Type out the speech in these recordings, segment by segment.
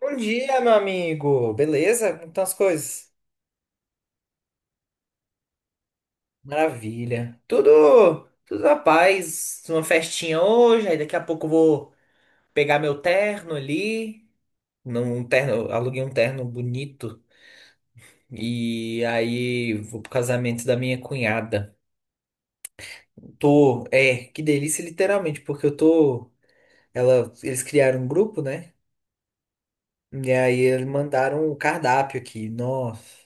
Bom dia, meu amigo. Beleza? Como estão as coisas? Maravilha. Tudo na paz. Uma festinha hoje, aí daqui a pouco eu vou pegar meu terno ali. Num terno, aluguei um terno bonito. E aí vou pro casamento da minha cunhada. Tô, é, que delícia, literalmente, porque eu tô. Ela, eles criaram um grupo, né? E aí eles mandaram o cardápio aqui. Nossa,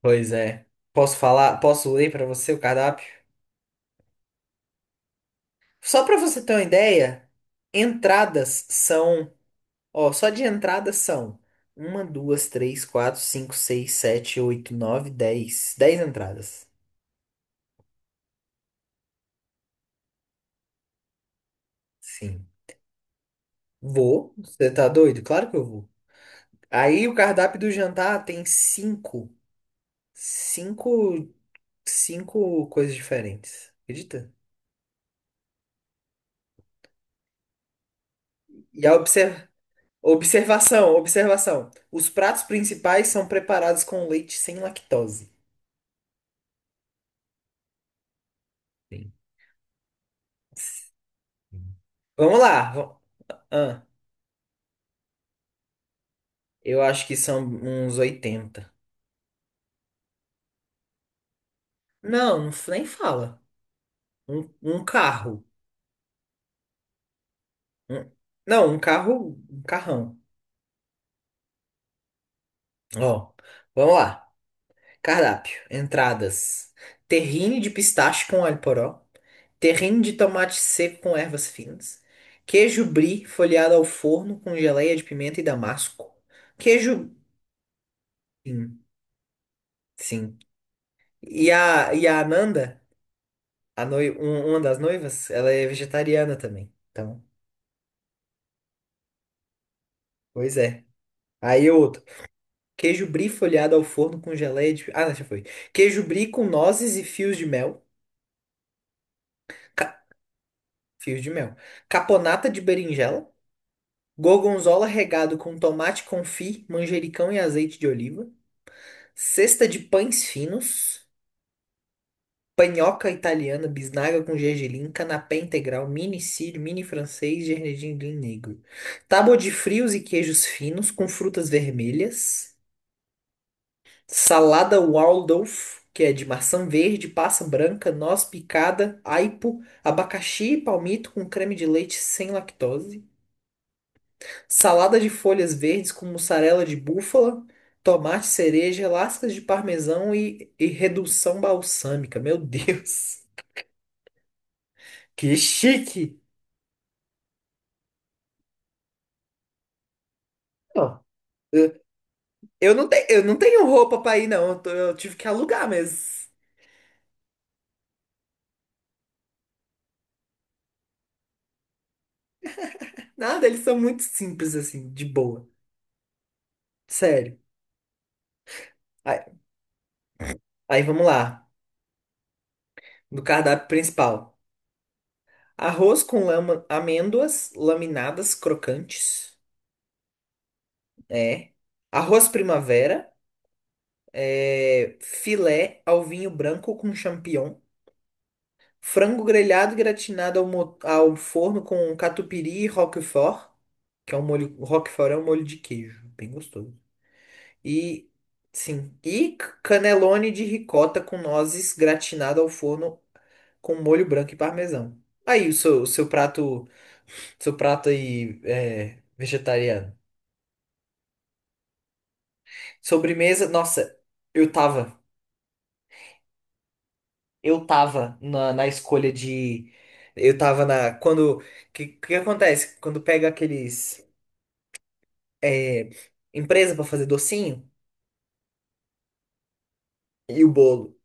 pois é. Posso falar? Posso ler pra você o cardápio? Só para você ter uma ideia, entradas são, ó, só de entradas são uma, duas, três, quatro, cinco, seis, sete, oito, nove, 10 entradas. Sim. Vou? Você tá doido? Claro que eu vou. Aí o cardápio do jantar tem cinco, cinco coisas diferentes. Acredita? E a observação. Os pratos principais são preparados com leite sem lactose. Sim. Vamos lá. Ah, eu acho que são uns 80. Não, nem fala. Um carro. Um- não, um carro, um carrão. Ó, vamos lá. Cardápio, entradas. Terrine de pistache com alho poró. Terrine de tomate seco com ervas finas. Queijo brie folheado ao forno com geleia de pimenta e damasco. Queijo... Sim, sim. E a Ananda, a noiva, uma das noivas, ela é vegetariana também. Então, pois é. Aí outro. Queijo brie folhado ao forno com geleia de... Ah, já foi. Queijo brie com nozes e fios de mel. Ca- Fios de mel. Caponata de berinjela. Gorgonzola regado com tomate confit, manjericão e azeite de oliva. Cesta de pães finos. Panhoca italiana, bisnaga com gergelim, canapé integral, mini sírio, mini francês, gergelim negro. Tábua de frios e queijos finos com frutas vermelhas. Salada Waldorf, que é de maçã verde, passa branca, noz picada, aipo, abacaxi e palmito com creme de leite sem lactose. Salada de folhas verdes com mussarela de búfala, tomate cereja, lascas de parmesão e redução balsâmica. Meu Deus, que chique! Ó, Eu eu não tenho roupa pra ir, não. Eu tive que alugar, mas nada, eles são muito simples assim, de boa. Sério. Aí, aí vamos lá. Do cardápio principal. Arroz com amêndoas laminadas crocantes. É. Arroz primavera. É. Filé ao vinho branco com champignon. Frango grelhado gratinado ao forno com catupiry e roquefort. Que é um molho. Roquefort é um molho de queijo. Bem gostoso. E. Sim. E canelone de ricota com nozes gratinado ao forno com molho branco e parmesão. Aí o seu prato. Seu prato aí é vegetariano. Sobremesa, nossa, eu tava. Eu tava na escolha de. Eu tava na. Quando. O que, que acontece? Quando pega aqueles. É, empresa pra fazer docinho e o bolo.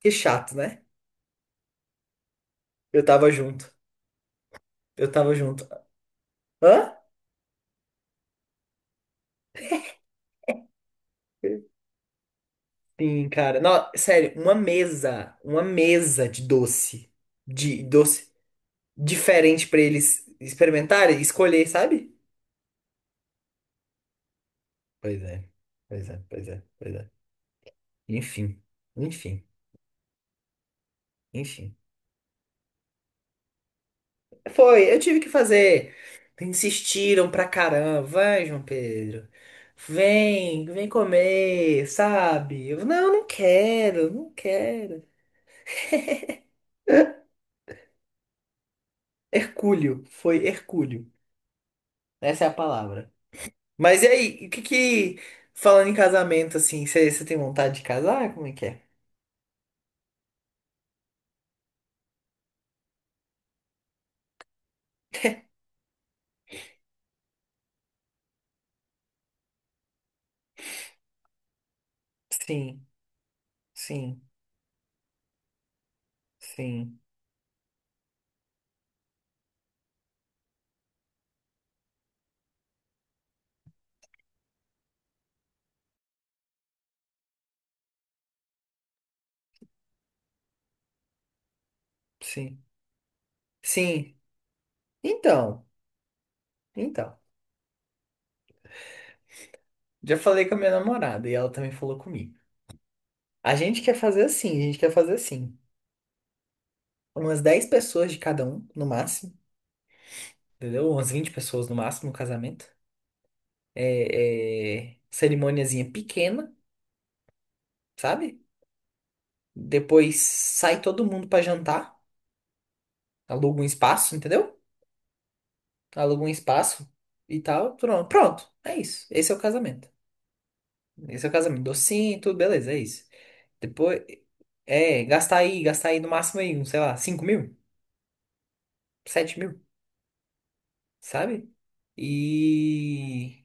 Que chato, né? Eu tava junto. Eu tava junto. Hã? Sim, cara. Não, sério, uma mesa. Uma mesa de doce. De doce diferente pra eles experimentarem e escolher, sabe? Pois é, pois é, pois é, pois é. Enfim, enfim, enfim. Foi, eu tive que fazer. Insistiram pra caramba. Vai, João Pedro. Vem, vem comer, sabe? Eu, não, não quero, não quero. Hercúleo, foi Hercúleo. Essa é a palavra. Mas e aí, o que que, falando em casamento, assim, você tem vontade de casar? Como é que é? Sim, sim, sim, sim, sim. Então, então. Já falei com a minha namorada e ela também falou comigo. A gente quer fazer assim, a gente quer fazer assim. Umas 10 pessoas de cada um, no máximo, entendeu? Umas 20 pessoas no máximo no casamento. É, cerimôniazinha pequena, sabe? Depois sai todo mundo pra jantar, aluga um espaço, entendeu? Aluga um espaço e tal, pronto. Pronto, é isso. Esse é o casamento. Esse é o casamento. Docinho, tudo, beleza, é isso. Depois, é, gastar aí no máximo aí, um, sei lá, 5.000, 7.000. Sabe? E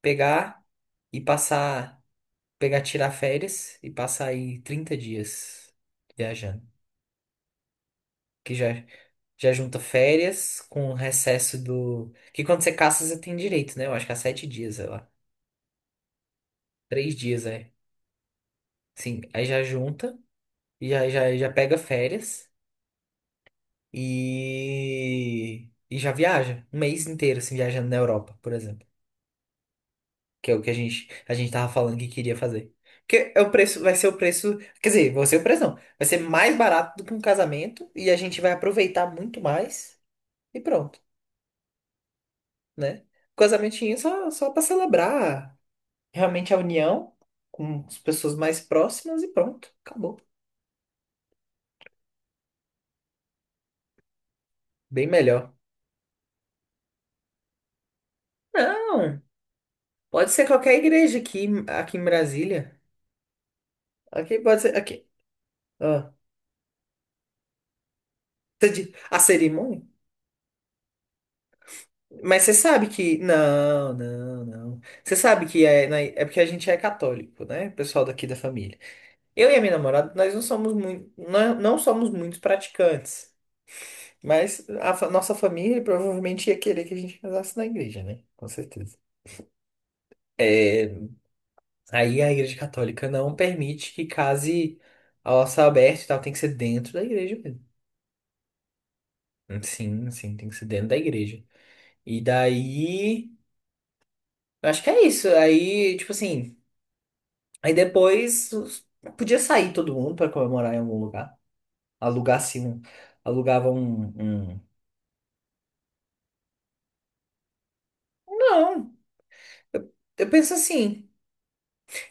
pegar e passar, pegar, tirar férias e passar aí 30 dias viajando. Que já, já junta férias com o recesso do. Que quando você caça, você tem direito, né? Eu acho que há 7 dias, sei lá. 3 dias, é. Sim, aí já junta, e já pega férias e. E já viaja. Um mês inteiro, assim, viajando na Europa, por exemplo. Que é o que a gente tava falando que queria fazer. Porque é o preço, vai ser o preço. Quer dizer, vai ser o preço não. Vai ser mais barato do que um casamento. E a gente vai aproveitar muito mais. E pronto, né? Casamentinho é só para celebrar realmente a união com as pessoas mais próximas e pronto. Acabou. Bem melhor. Não, pode ser qualquer igreja aqui, aqui em Brasília. Aqui pode ser. Aqui. Ó. Você diz, a cerimônia? Mas você sabe que. Não, não, não. Você sabe que é porque a gente é católico, né? O pessoal daqui da família. Eu e a minha namorada, nós não somos muito, não, não somos muito praticantes. Mas nossa família provavelmente ia querer que a gente casasse na igreja, né? Com certeza. É, aí a igreja católica não permite que case ao céu aberto e tal, tem que ser dentro da igreja mesmo. Sim, sim, tem que ser dentro da igreja. E daí. Eu acho que é isso. Aí, tipo assim. Aí depois podia sair todo mundo para comemorar em algum lugar. Alugar assim, alugava um. Não, eu penso assim.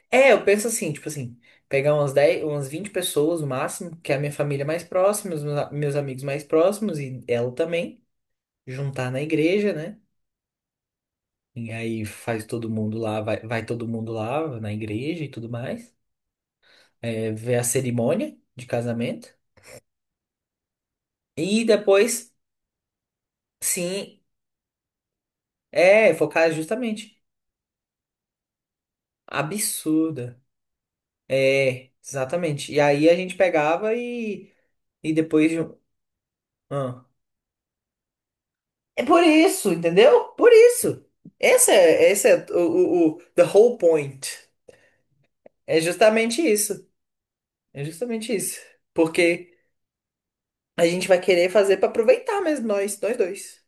É, eu penso assim, tipo assim, pegar umas 10, umas 20 pessoas no máximo, que é a minha família mais próxima, os meus amigos mais próximos e ela também, juntar na igreja, né? E aí faz todo mundo lá, vai todo mundo lá na igreja e tudo mais. É, ver a cerimônia de casamento. E depois, sim, é, focar justamente. Absurda. É, exatamente. E aí a gente pegava e depois de um. Ah. É por isso, entendeu? Por isso. Essa é o the whole point. É justamente isso. É justamente isso. Porque a gente vai querer fazer pra aproveitar mesmo nós, nós dois.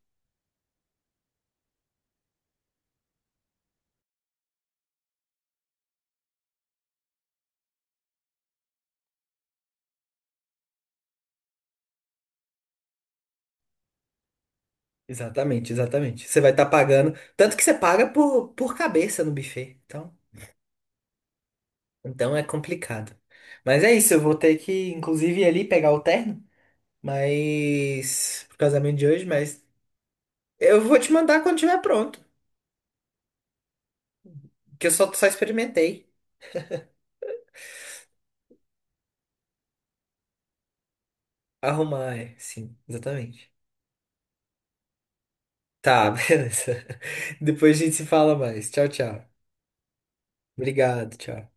Exatamente, exatamente. Você vai estar pagando. Tanto que você paga por cabeça no buffet. Então é complicado. Mas é isso, eu vou ter que, inclusive, ir ali pegar o terno. Mas. Pro casamento de hoje, mas. Eu vou te mandar quando tiver pronto. Que eu só, só experimentei. Arrumar, é. Sim, exatamente. Tá, beleza. Depois a gente se fala mais. Tchau, tchau. Obrigado, tchau.